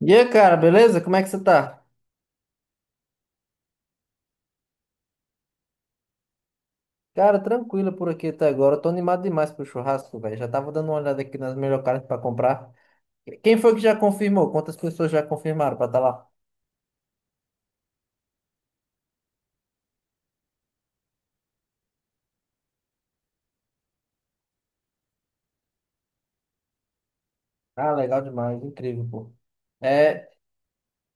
E aí, cara, beleza? Como é que você tá? Cara, tranquilo por aqui até agora. Eu tô animado demais pro churrasco, velho. Já tava dando uma olhada aqui nas melhores carnes pra comprar. Quem foi que já confirmou? Quantas pessoas já confirmaram pra estar tá lá? Ah, legal demais, incrível, pô. É,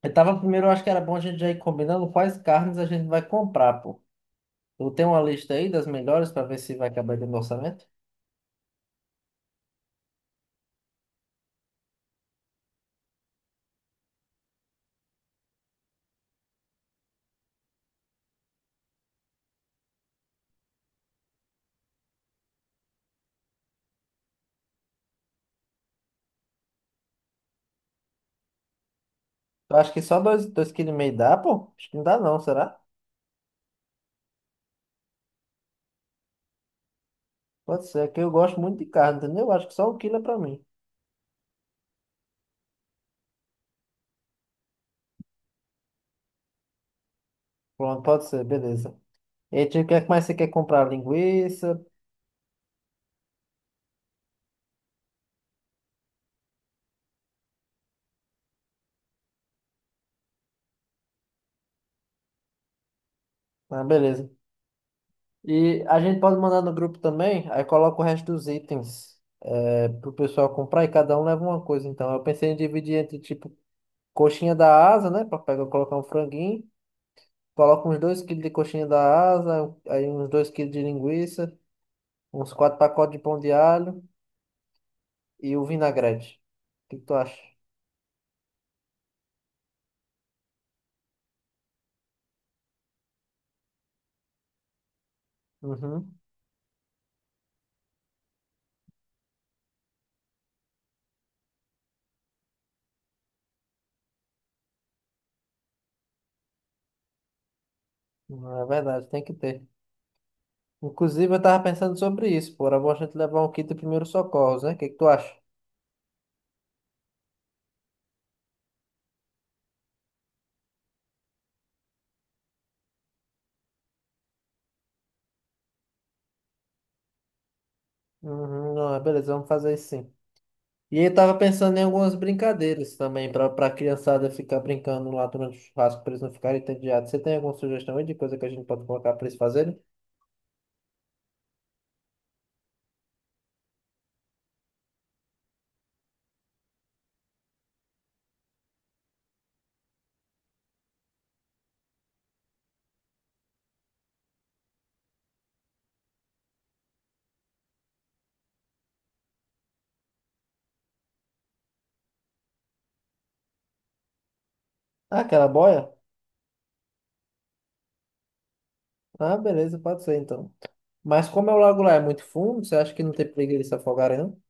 eu tava primeiro, eu acho que era bom a gente já ir combinando quais carnes a gente vai comprar, pô. Eu tenho uma lista aí das melhores pra ver se vai acabar dentro do orçamento. Eu acho que só 2,5 quilos dá, pô? Acho que não dá não, será? Pode ser, é que eu gosto muito de carne, entendeu? Eu acho que só 1 quilo é pra mim. Pronto, pode ser, beleza. E aí, tio, o que é que mais você quer comprar? Linguiça? Ah, beleza. E a gente pode mandar no grupo também, aí coloca o resto dos itens pro pessoal comprar e cada um leva uma coisa. Então, eu pensei em dividir entre, tipo, coxinha da asa, né? Pra pegar, colocar um franguinho. Coloca uns 2 quilos de coxinha da asa, aí uns 2 quilos de linguiça, uns quatro pacotes de pão de alho e o vinagrete. O que que tu acha? Uhum. Não, é verdade, tem que ter. Inclusive, eu tava pensando sobre isso, pô. Era bom a gente levar um kit de primeiros socorros, né? O que que tu acha? Uhum, não, é beleza, vamos fazer isso sim. E aí eu tava pensando em algumas brincadeiras também, pra criançada ficar brincando lá durante o churrasco, pra eles não ficarem entediados. Você tem alguma sugestão aí de coisa que a gente pode colocar pra eles fazerem? Ah, aquela boia? Ah, beleza, pode ser então. Mas como é o lago lá é muito fundo, você acha que não tem perigo eles se afogarem, não?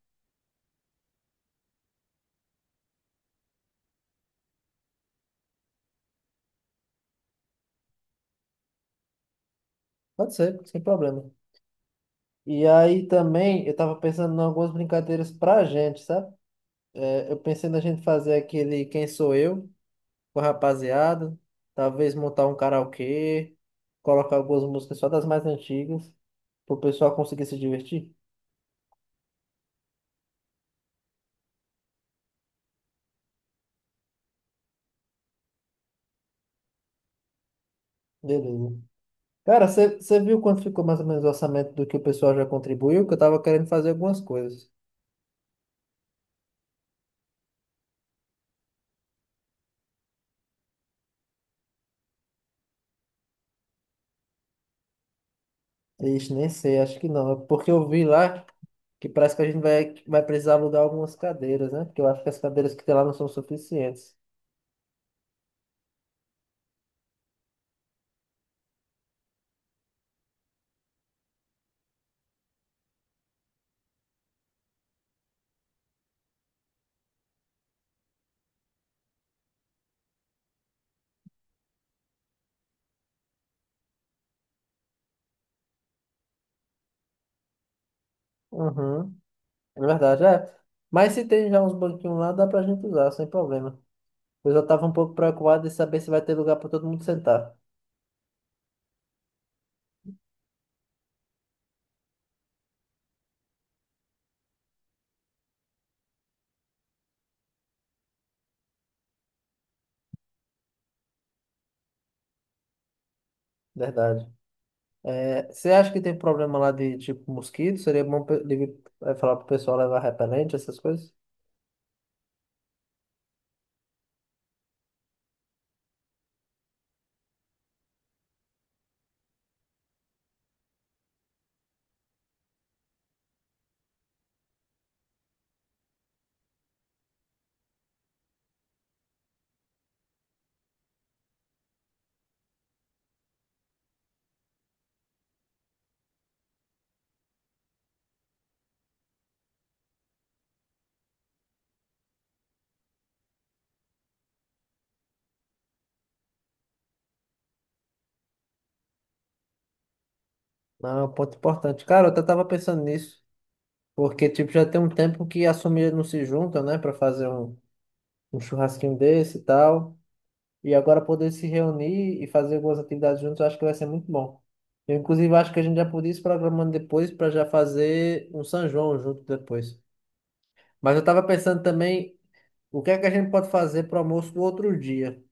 Pode ser, sem problema. E aí também eu tava pensando em algumas brincadeiras pra gente, sabe? É, eu pensei na gente fazer aquele Quem Sou Eu com a rapaziada, talvez montar um karaokê, colocar algumas músicas só das mais antigas, pro pessoal conseguir se divertir. Beleza. Cara, você viu quanto ficou mais ou menos o orçamento do que o pessoal já contribuiu? Que eu tava querendo fazer algumas coisas. Ixi, nem sei, acho que não. Porque eu vi lá que parece que a gente vai precisar alugar algumas cadeiras, né? Porque eu acho que as cadeiras que tem lá não são suficientes. Uhum, é verdade, é. Mas se tem já uns banquinhos lá, dá pra gente usar, sem problema. Eu já tava um pouco preocupado de saber se vai ter lugar pra todo mundo sentar. Verdade. É, você acha que tem problema lá de tipo mosquito? Seria bom ele, é, falar pro pessoal levar repelente, essas coisas? Não, é um ponto importante. Cara, eu até tava pensando nisso, porque tipo já tem um tempo que as famílias não se juntam, né, para fazer um churrasquinho desse e tal. E agora poder se reunir e fazer algumas atividades juntos, eu acho que vai ser muito bom. Eu, inclusive, acho que a gente já podia ir se programando depois para já fazer um São João junto depois. Mas eu tava pensando também, o que é que a gente pode fazer para o almoço do outro dia?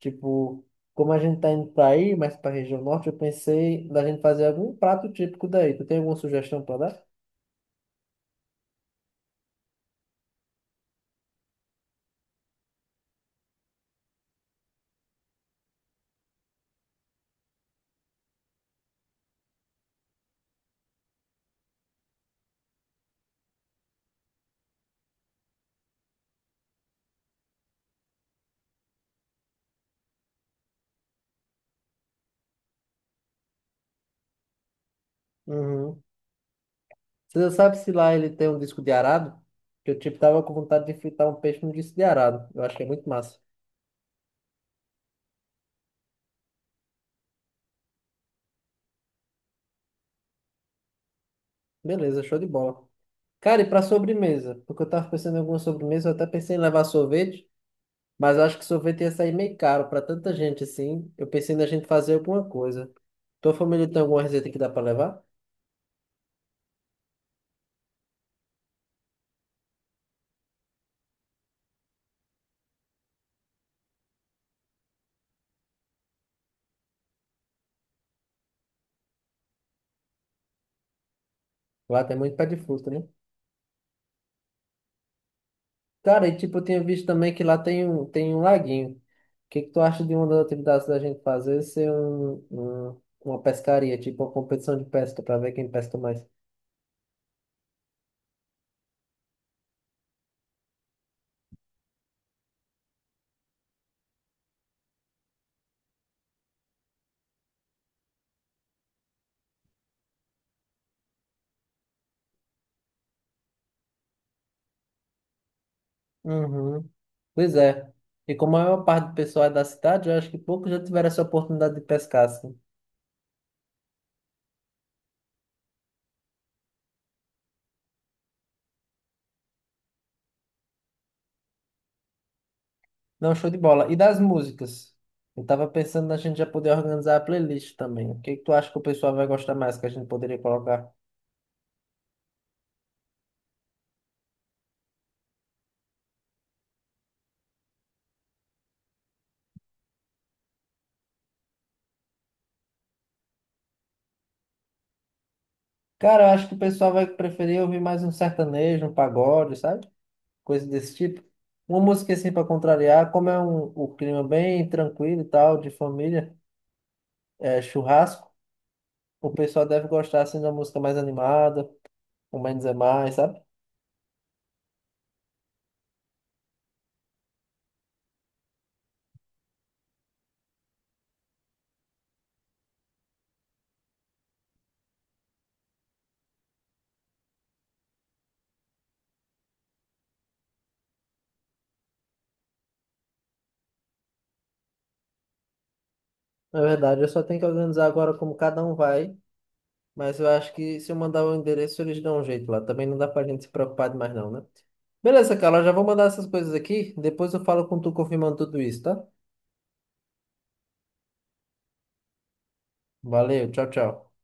Tipo, como a gente tá indo para aí, mais para a região norte, eu pensei da gente fazer algum prato típico daí. Tu tem alguma sugestão para dar? Uhum. Você já sabe se lá ele tem um disco de arado? Que eu tipo tava com vontade de fritar um peixe no disco de arado. Eu acho que é muito massa. Beleza, show de bola. Cara, e para sobremesa? Porque eu tava pensando em alguma sobremesa, eu até pensei em levar sorvete, mas acho que sorvete ia sair meio caro para tanta gente assim. Eu pensei na gente fazer alguma coisa. Tua família tem alguma receita que dá para levar? Lá tem muito pé de fruta, né? Cara, e tipo, eu tinha visto também que lá tem um laguinho. O que que tu acha de uma das atividades da gente fazer ser uma pescaria, tipo uma competição de pesca para ver quem pesca mais? Uhum. Pois é. E como a maior parte do pessoal é da cidade, eu acho que poucos já tiveram essa oportunidade de pescar, assim. Não, show de bola. E das músicas? Eu tava pensando na gente já poder organizar a playlist também. O que que tu acha que o pessoal vai gostar mais que a gente poderia colocar? Cara, eu acho que o pessoal vai preferir ouvir mais um sertanejo, um pagode, sabe? Coisa desse tipo. Uma música assim para contrariar, como é o clima bem tranquilo e tal, de família, é, churrasco, o pessoal deve gostar assim de uma música mais animada, o menos é mais, sabe? Na verdade, eu só tenho que organizar agora como cada um vai. Mas eu acho que se eu mandar o endereço, eles dão um jeito lá. Também não dá pra gente se preocupar demais, não, né? Beleza, Carla, eu já vou mandar essas coisas aqui. Depois eu falo com tu confirmando tudo isso, tá? Valeu, tchau, tchau.